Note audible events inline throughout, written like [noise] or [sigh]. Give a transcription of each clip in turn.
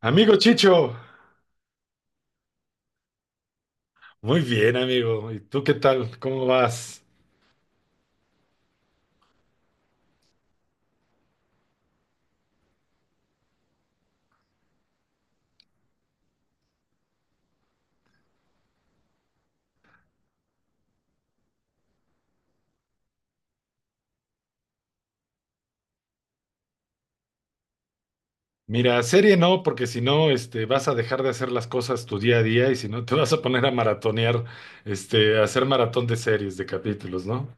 Amigo Chicho, muy bien, amigo. ¿Y tú qué tal? ¿Cómo vas? Mira, serie no, porque si no, vas a dejar de hacer las cosas tu día a día y si no, te [laughs] vas a poner a maratonear, a hacer maratón de series, de capítulos, ¿no?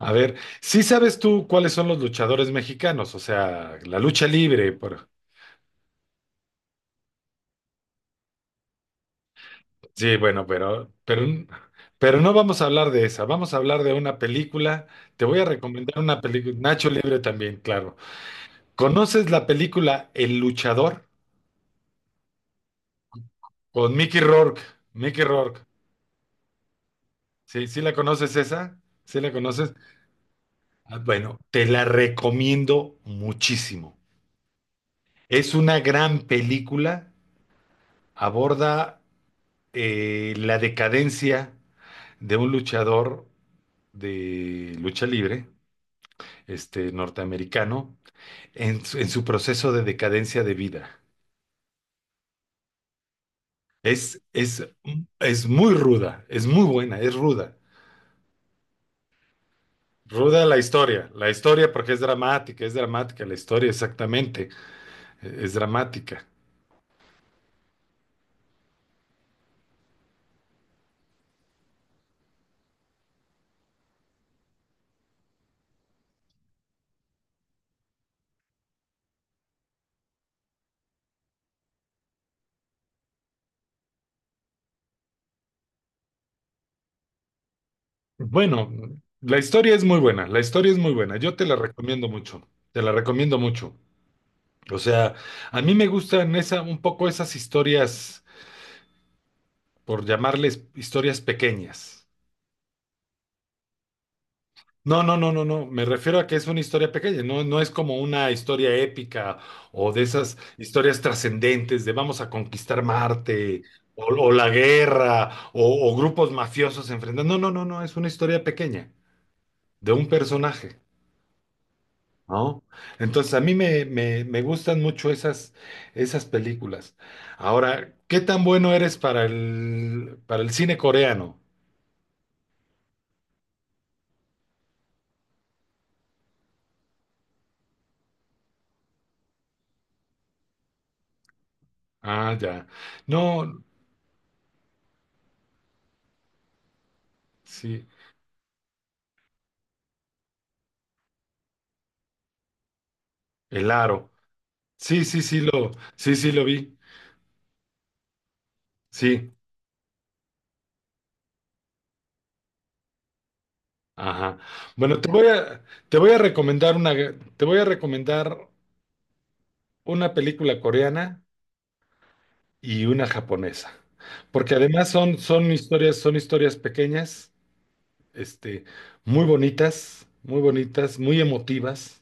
A ver, ¿sí sabes tú cuáles son los luchadores mexicanos? O sea, la lucha libre. Por... Sí, bueno, pero no vamos a hablar de esa. Vamos a hablar de una película. Te voy a recomendar una película, Nacho Libre también, claro. ¿Conoces la película El Luchador? Con Mickey Rourke, Mickey Rourke. Sí, la conoces esa, sí la conoces. Ah, bueno, te la recomiendo muchísimo. Es una gran película, aborda la decadencia de un luchador de lucha libre, este norteamericano, en su proceso de decadencia de vida. Es, es, es muy ruda, es muy buena, es ruda. Ruda la historia porque es dramática, la historia exactamente, es dramática. Bueno, la historia es muy buena, la historia es muy buena, yo te la recomiendo mucho, te la recomiendo mucho. O sea, a mí me gustan esa, un poco esas historias, por llamarles historias pequeñas. No, no, no, no, no. Me refiero a que es una historia pequeña, no, no es como una historia épica o de esas historias trascendentes de vamos a conquistar Marte o la guerra o grupos mafiosos enfrentando. No, no, no, no. Es una historia pequeña de un personaje, ¿no? Entonces a mí me gustan mucho esas, esas películas. Ahora, ¿qué tan bueno eres para para el cine coreano? Ah, ya. No, sí. El aro. Sí, sí lo vi. Sí, ajá. Bueno, te voy a recomendar una, te voy a recomendar una película coreana y una japonesa, porque además son, son historias pequeñas, este, muy bonitas, muy bonitas,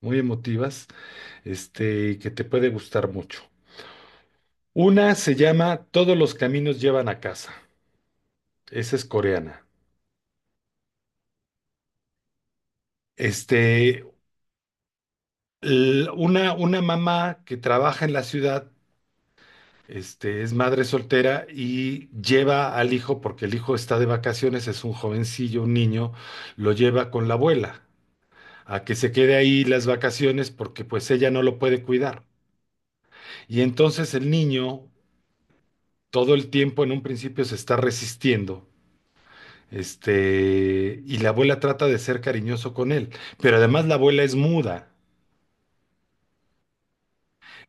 muy emotivas, que te puede gustar mucho. Una se llama Todos los caminos llevan a casa. Esa es coreana. Este, una mamá que trabaja en la ciudad, es madre soltera y lleva al hijo, porque el hijo está de vacaciones, es un jovencillo, un niño, lo lleva con la abuela a que se quede ahí las vacaciones porque pues ella no lo puede cuidar. Y entonces el niño todo el tiempo en un principio se está resistiendo. Y la abuela trata de ser cariñoso con él, pero además la abuela es muda.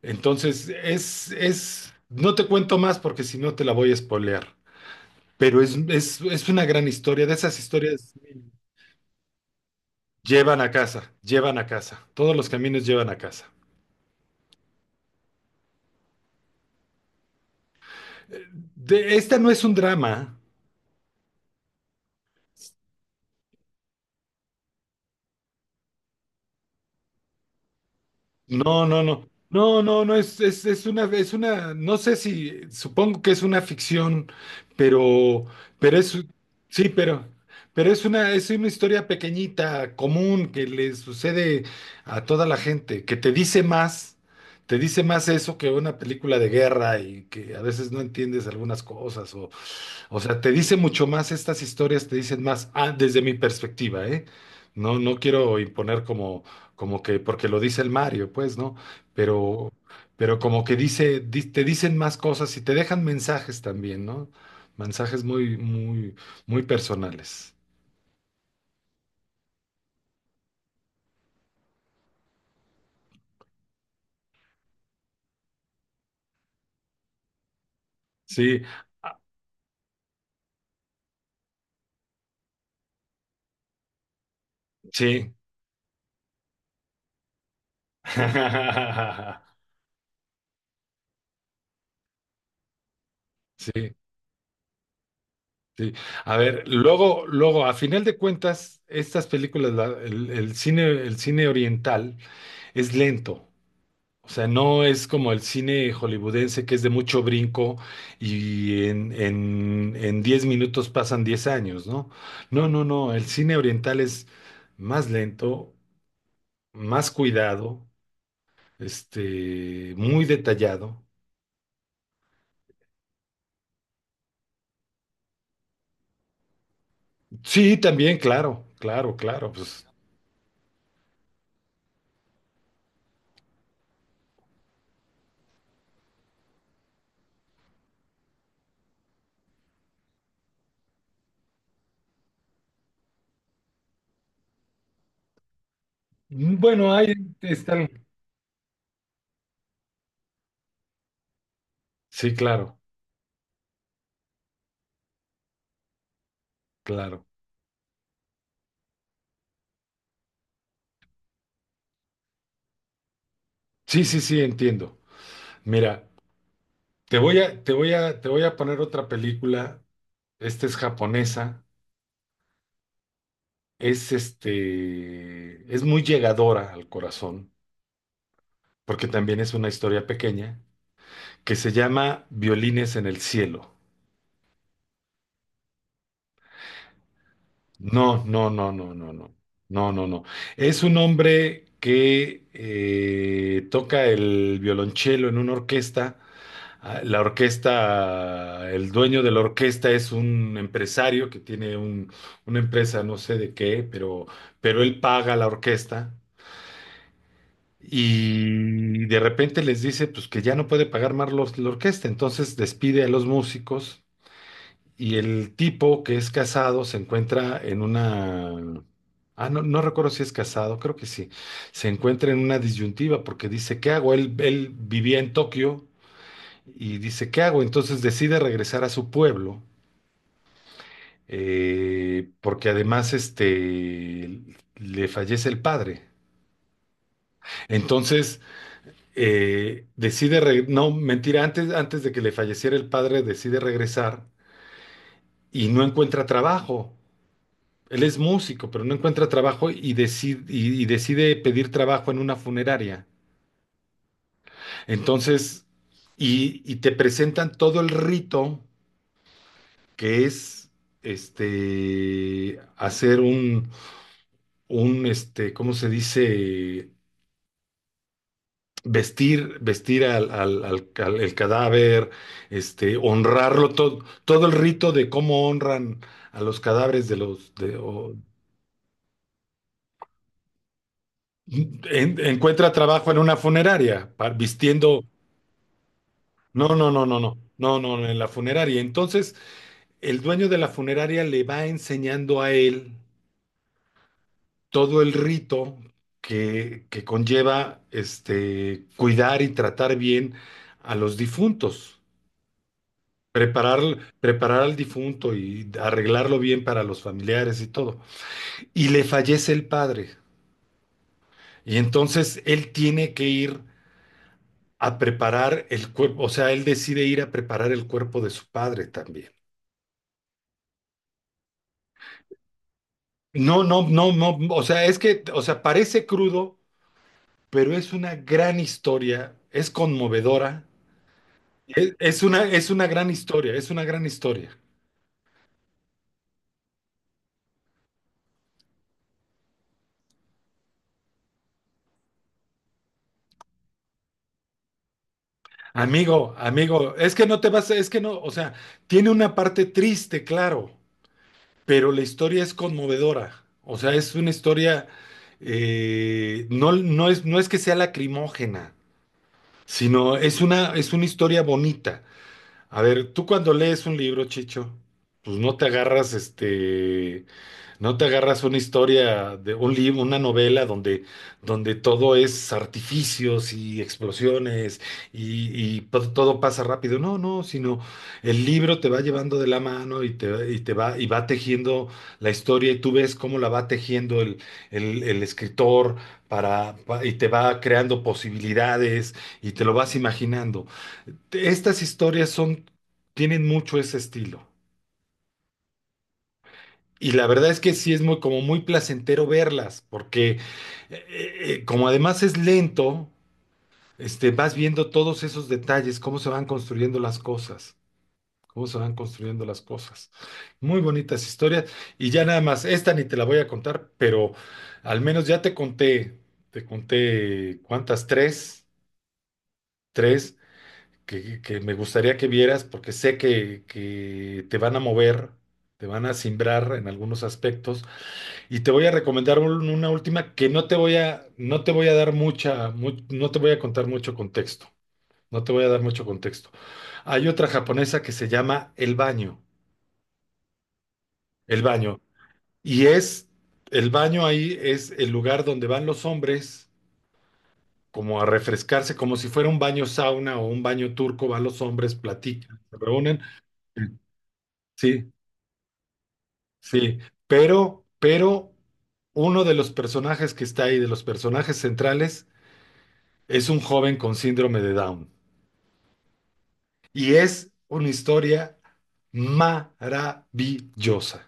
Entonces, no te cuento más porque si no te la voy a spoilear, pero es una gran historia, de esas historias llevan a casa, todos los caminos llevan a casa. Eh, esta no es un drama. No, no, no. No, no, no, es una, no sé si, supongo que es una ficción, pero, pero es, sí, pero es una historia pequeñita, común, que le sucede a toda la gente, que te dice más eso que una película de guerra y que a veces no entiendes algunas cosas o sea, te dice mucho más, estas historias te dicen más, desde mi perspectiva, ¿eh? No, no quiero imponer como, como que, porque lo dice el Mario, pues, ¿no? Pero, pero como que te dicen más cosas y te dejan mensajes también, ¿no? Mensajes muy personales. Sí, ah, sí. [laughs] Sí, sí. A ver, luego, luego, a final de cuentas, estas películas, el cine oriental es lento. O sea, no es como el cine hollywoodense que es de mucho brinco y en 10 minutos pasan 10 años, ¿no? No, no, no, el cine oriental es más lento, más cuidado, muy detallado. Sí, también, claro, pues mm, bueno, ahí están. Sí, claro, claro. Sí, sí, sí, entiendo. Mira, te voy a poner otra película. Esta es japonesa. Es es muy llegadora al corazón, porque también es una historia pequeña que se llama Violines en el cielo. No, no, no, no, no, no, no, no, no. Es un hombre que toca el violonchelo en una orquesta. Ah, la orquesta, el dueño de la orquesta es un empresario que tiene una empresa, no sé de qué, pero él paga a la orquesta y de repente les dice pues que ya no puede pagar más la orquesta, entonces despide a los músicos y el tipo que es casado se encuentra en una... Ah, no, no recuerdo si es casado, creo que sí. Se encuentra en una disyuntiva porque dice, ¿qué hago? Él vivía en Tokio y dice, ¿qué hago? Entonces decide regresar a su pueblo porque además le fallece el padre. Entonces decide, no, mentira, antes, antes de que le falleciera el padre, decide regresar y no encuentra trabajo. Él es músico, pero no encuentra trabajo y decide, y decide pedir trabajo en una funeraria. Entonces, y te presentan todo el rito que es hacer un, ¿cómo se dice? Vestir, vestir el cadáver, honrarlo, todo, todo el rito de cómo honran a los cadáveres de los encuentra trabajo en una funeraria, vistiendo. No, no, no, no, no, no, no, no, en la funeraria. Entonces, el dueño de la funeraria le va enseñando a él todo el rito que conlleva cuidar y tratar bien a los difuntos. Preparar, preparar al difunto y arreglarlo bien para los familiares y todo. Y le fallece el padre. Y entonces él tiene que ir a preparar el cuerpo, o sea, él decide ir a preparar el cuerpo de su padre también. No, no, no, no, o sea, es que, o sea, parece crudo, pero es una gran historia, es conmovedora, es una gran historia, es una gran historia. Amigo, amigo, es que no te vas, es que no, o sea, tiene una parte triste, claro, pero la historia es conmovedora. O sea, es una historia, no, no es, no es que sea lacrimógena, sino es una historia bonita. A ver, tú cuando lees un libro, Chicho, pues no te agarras no te agarras una historia de un libro, una novela donde, donde todo es artificios y explosiones y todo pasa rápido. No, no, sino el libro te va llevando de la mano y te va, y va tejiendo la historia y tú ves cómo la va tejiendo el escritor para, y te va creando posibilidades y te lo vas imaginando. Estas historias son, tienen mucho ese estilo. Y la verdad es que sí es muy, como muy placentero verlas, porque como además es lento, vas viendo todos esos detalles, cómo se van construyendo las cosas, cómo se van construyendo las cosas. Muy bonitas historias. Y ya nada más, esta ni te la voy a contar, pero al menos ya te conté cuántas, tres, tres que me gustaría que vieras, porque sé que te van a mover, te van a simbrar en algunos aspectos. Y te voy a recomendar una última que no te voy a, no te voy a dar no te voy a contar mucho contexto. No te voy a dar mucho contexto. Hay otra japonesa que se llama El Baño. El Baño. Y es, el baño ahí es el lugar donde van los hombres como a refrescarse, como si fuera un baño sauna o un baño turco, van los hombres, platican, se reúnen. Sí, sí. Pero uno de los personajes que está ahí, de los personajes centrales, es un joven con síndrome de Down. Y es una historia maravillosa.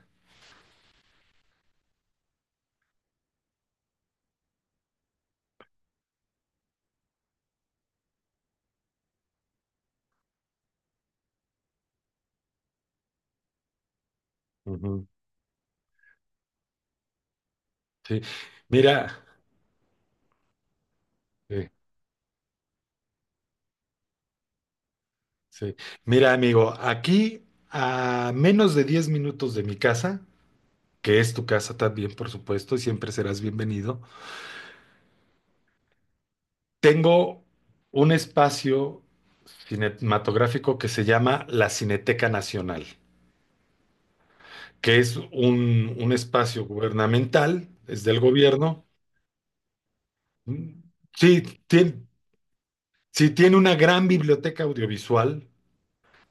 Ujú. Sí. Mira, sí, sí. Mira, amigo, aquí a menos de 10 minutos de mi casa, que es tu casa también, por supuesto, y siempre serás bienvenido, tengo un espacio cinematográfico que se llama la Cineteca Nacional, que es un espacio gubernamental, es del gobierno. Mm. Sí, tiene, sí, tiene una gran biblioteca audiovisual.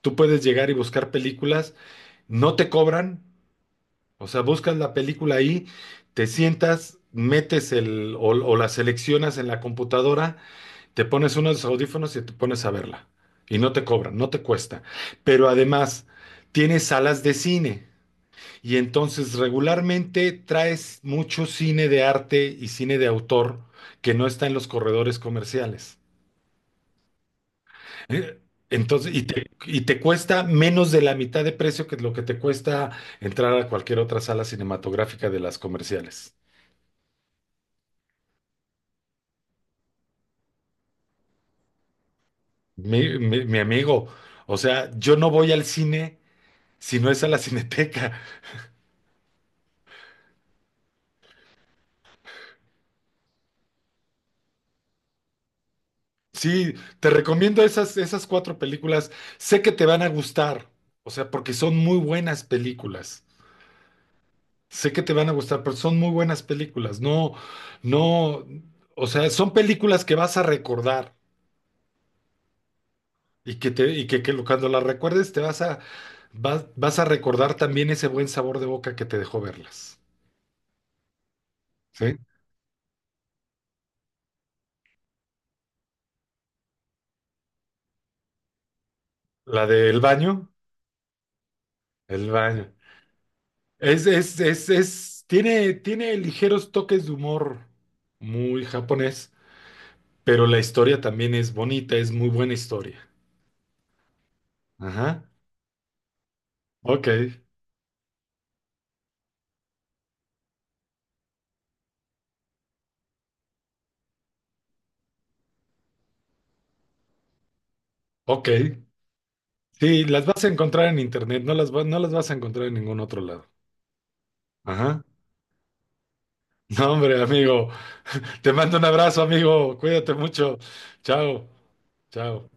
Tú puedes llegar y buscar películas, no te cobran, o sea, buscas la película ahí, te sientas, o la seleccionas en la computadora, te pones unos audífonos y te pones a verla. Y no te cobran, no te cuesta. Pero además, tiene salas de cine. Y entonces regularmente traes mucho cine de arte y cine de autor que no está en los corredores comerciales. Eh, Entonces, y te cuesta menos de la mitad de precio que lo que te cuesta entrar a cualquier otra sala cinematográfica de las comerciales. Mi amigo, o sea, yo no voy al cine si no es a la [laughs] Cineteca. Sí, te recomiendo esas, esas cuatro películas. Sé que te van a gustar, o sea, porque son muy buenas películas. Sé que te van a gustar, pero son muy buenas películas. No, no, o sea, son películas que vas a recordar. Y que te, y que cuando la recuerdes te vas a, vas a recordar también ese buen sabor de boca que te dejó verlas. ¿Sí? La del baño, el baño. Es, tiene, tiene ligeros toques de humor muy japonés, pero la historia también es bonita, es muy buena historia. Ajá. Ok, ok. Sí, las vas a encontrar en internet, no las, no las vas a encontrar en ningún otro lado. Ajá. No, hombre, amigo. Te mando un abrazo, amigo. Cuídate mucho. Chao. Chao.